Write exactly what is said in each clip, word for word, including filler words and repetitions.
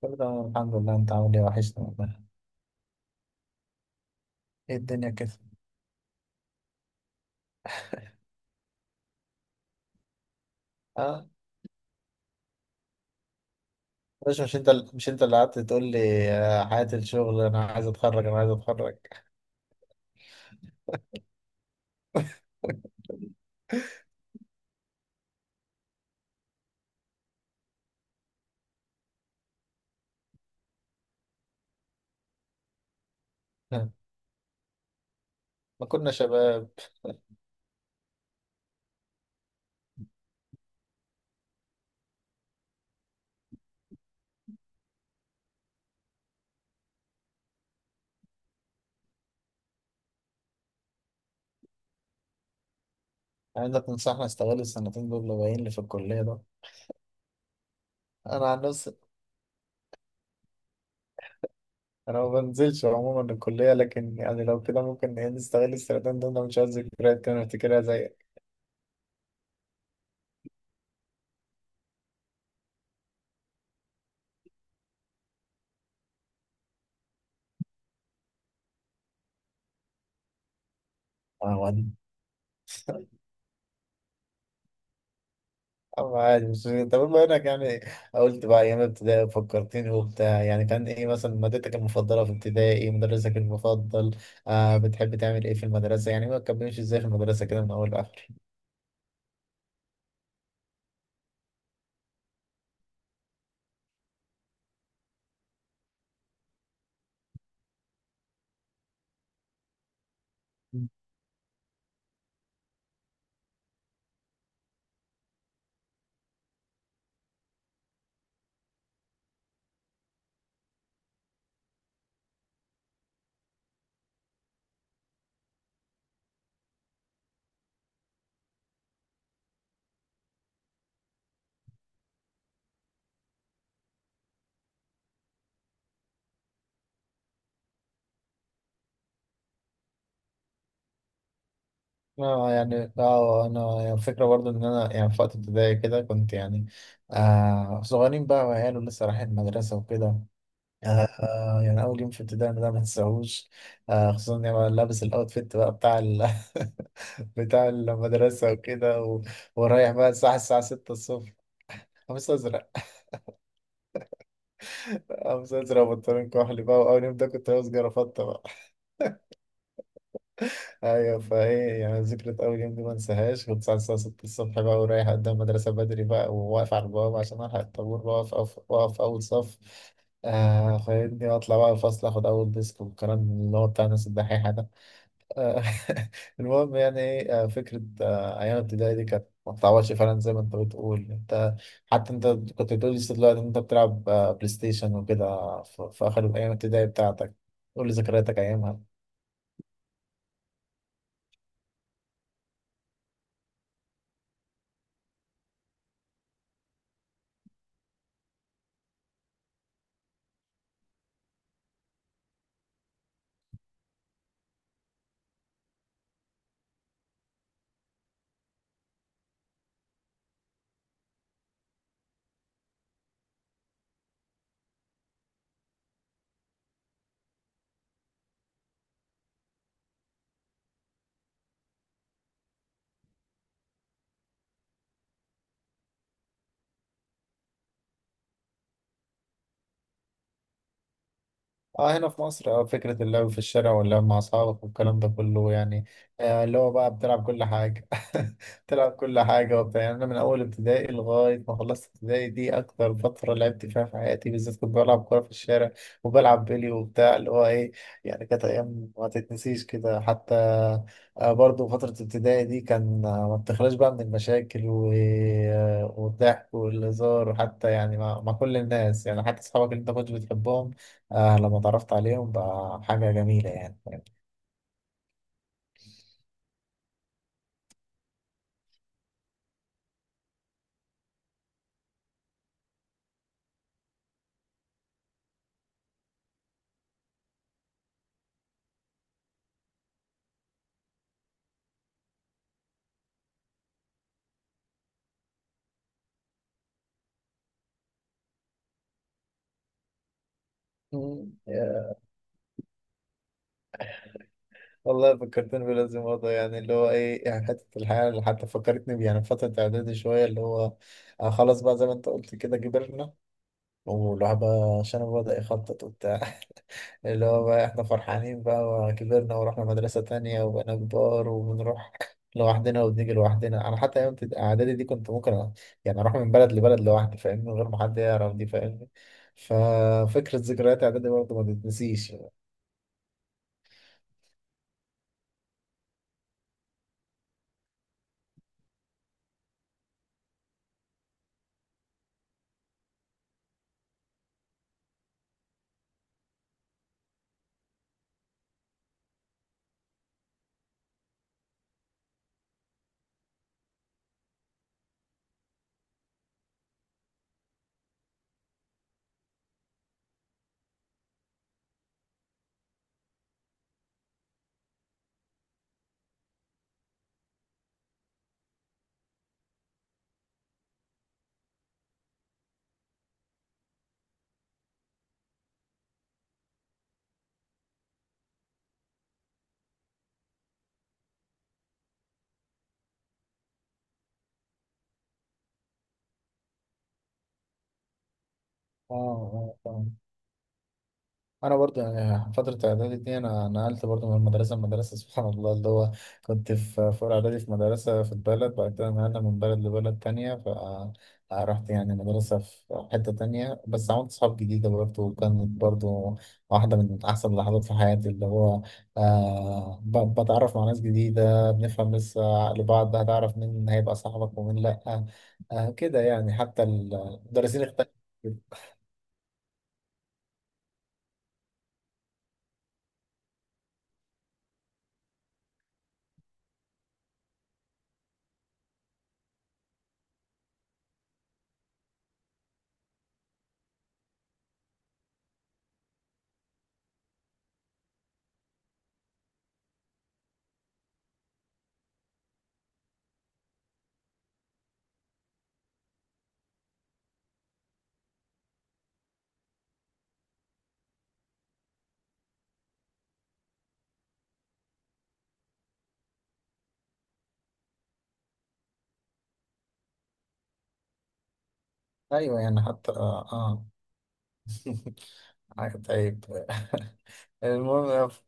كله تمام الحمد لله. انت عامل ايه؟ وحشني والله. ايه الدنيا كده؟ اه مش مش انت ال- مش انت اللي قعدت تقول لي آه، حياة الشغل، انا عايز اتخرج انا عايز اتخرج ما كنا شباب. عايزك تنصحنا، استغل السنتين دول اللي باقيين لي في الكلية ده. انا عن نفسي، انا ما بنزلش عموما الكلية، لكن يعني لو كده ممكن ايه نستغل السنتين دول؟ انا مش عايز ذكريات كده نفتكرها زيك. اه ودي. أو عادي. بس طب بما انك يعني قلت بقى ايام ابتدائي، فكرتني وبتاع، يعني كان ايه مثلا مادتك المفضله في ابتدائي؟ مدرسك المفضل؟ آه بتحب تعمل ايه في المدرسه؟ يعني ما تكملش ازاي في المدرسه كده من اول لاخر؟ اه يعني اه انا يعني فكرة برضو ان انا يعني في وقت ابتدائي كده كنت يعني آه صغيرين بقى وعيال ولسه رايحين المدرسة وكده. آه آه، يعني أول يوم في ابتدائي ده ما تنساهوش، آه خصوصا إني بقى لابس الأوتفيت بقى بتاع ال... بتاع المدرسة وكده و... ورايح بقى الساعة الساعة ستة الصبح. قميص أزرق. قميص أزرق وبنطلون كحلي بقى، وأول يوم ده كنت لابس جرافطة بقى. أيوة، فإيه يعني ذكرى أول يوم دي ما انساهاش، كنت الساعة ستة الصبح بقى ورايح قدام المدرسة بدري بقى، وواقف على البوابة عشان ألحق الطابور، بقف أقف أقف أول صف، آه فاهمني، وأطلع بقى الفصل آخد أول ديسك، والكلام اللي هو بتاع الناس الدحيحة. آه، المهم يعني ايه آه، فكرة آه، أيام ابتدائي دي كانت ما بتعوضش فعلا زي ما أنت بتقول أنت. حتى أنت كنت بتقول لسه دلوقتي إن أنت بتلعب آه، بلاي ستيشن وكده في في آخر أيام ابتدائي بتاعتك. قول لي ذكرياتك أيامها. اه، هنا في مصر، اه فكرة اللعب في الشارع واللعب مع أصحابك والكلام ده كله يعني آه اللي هو بقى بتلعب كل حاجة. بتلعب كل حاجة وبتاع، يعني أنا من أول ابتدائي لغاية ما خلصت ابتدائي دي أكتر فترة لعبت فيها في حياتي، بالذات كنت بلعب كورة في الشارع، وبلعب بيلي وبتاع اللي هو إيه. يعني كانت أيام ما تتنسيش كده. حتى آه برضه فترة ابتدائي دي كان آه ما بتخلاش بقى من المشاكل و... آه والضحك والهزار، وحتى يعني مع... مع كل الناس، يعني حتى أصحابك اللي أنت كنت بتحبهم، آه لما اتعرفت عليهم بقى حاجة جميلة يعني. مم. يا. والله فكرتني بلازم موضوع، يعني اللي هو ايه يعني حتة الحياة اللي حتى فكرتني بيه، يعني في فترة إعدادي شوية، اللي هو آه خلاص بقى زي ما أنت قلت كده كبرنا، والواحد بقى شنبه بدأ يخطط وبتاع، اللي هو بقى احنا فرحانين بقى وكبرنا ورحنا مدرسة تانية وبقينا كبار، وبنروح لوحدنا وبنيجي لوحدنا. انا حتى ايام ابتد- اعدادي دي كنت ممكن أ- يعني اروح من بلد لبلد لوحدي، فاهمني، من غير ما حد يعرف دي، فاهمني. ففكرة ذكريات اعدادي برضه ما تتنسيش. اه اه انا برضو يعني فتره اعدادي دي انا نقلت برضو من مدرسه لمدرسه، سبحان الله. اللي هو كنت في في اولى اعدادي في مدرسه في البلد، بعد كده نقلنا من بلد لبلد تانية، فرحت يعني مدرسه في حته تانية، بس عملت صحاب جديده برضو، وكانت برضو واحده من احسن اللحظات في حياتي، اللي هو آه ب- بتعرف مع ناس جديده، بنفهم لسه عقل بعض، هتعرف مين هيبقى صاحبك ومين لا، آه كده يعني، حتى المدرسين اختلفوا. ايوه يعني حتى اه, آه. طيب. المهم يا ف-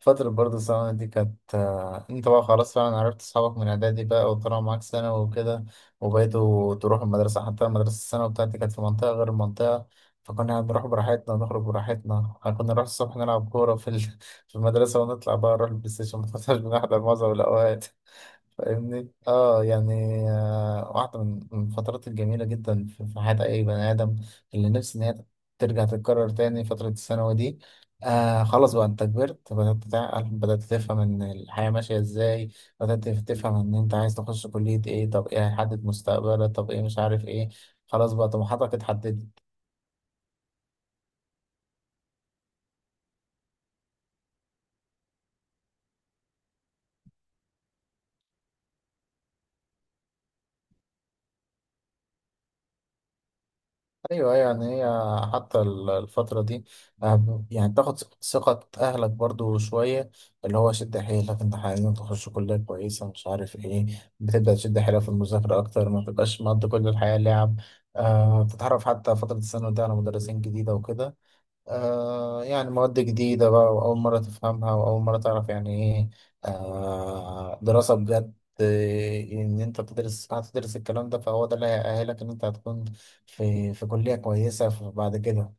فترة برضه الثانوي دي كانت آه، انت بقى خلاص فعلا عرفت اصحابك من اعدادي بقى وطلعوا معاك ثانوي وكده، وبقيتوا تروحوا المدرسة. حتى المدرسة الثانوي بتاعتي كانت في منطقة غير المنطقة، فكنا بنروح براحتنا ونخرج براحتنا، كنا نروح الصبح نلعب كورة في ال- في المدرسة، ونطلع بقى نروح البلاي ستيشن، ما كناش بنحضر معظم الأوقات، فاهمني. اه يعني آه واحدة من من الفترات الجميلة جدا في في حياة أي بني آدم، اللي نفسي إن هي ترجع تتكرر تاني، فترة الثانوي دي. آه خلاص بقى أنت كبرت، بدأت تعقل، بدأت تفهم إن الحياة ماشية إزاي، بدأت تفهم إن أنت عايز تخش كلية إيه، طب إيه هيحدد مستقبلك، طب إيه مش عارف إيه، خلاص بقى طموحاتك اتحددت. ايوه أيوة، يعني هي حتى ال- الفترة دي آه، يعني تاخد ثقة اهلك برضو شوية، اللي هو شد حيلك، انت عايزين تخش كلية كويسة، مش عارف ايه، بتبدأ تشد حيلك في المذاكرة اكتر، ما تبقاش مقضي كل الحياة لعب. آه بتتعرف حتى فترة الثانوي ده على مدرسين جديدة وكده، آه يعني مواد جديدة بقى، وأول مرة تفهمها وأول مرة تعرف يعني إيه آه دراسة بجد، آه، إن أنت تدرس، هتدرس الكلام ده، فهو ده اللي هيأهلك إن أنت هتكون في في كلية كويسة في- بعد كده.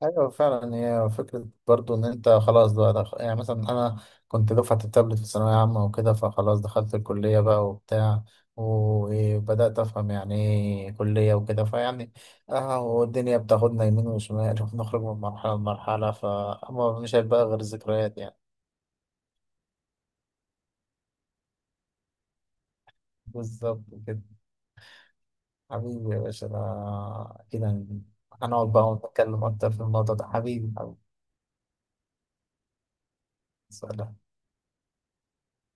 ايوه فعلا، هي فكره برضو ان انت خلاص بقى دخ... يعني مثلا انا كنت دفعه التابلت في ثانويه عامه وكده، فخلاص دخلت الكليه بقى وبتاع، وبدات افهم يعني ايه كليه وكده، فيعني اه والدنيا بتاخدنا يمين وشمال ونخرج من مرحله لمرحله، فاما مش هيبقى غير ذكريات يعني. بالظبط كده. حبيبي يا باشا، ده كده هنقعد بقى ونتكلم اكتر في الموضوع ده. حبيبي حبيبي، سلام.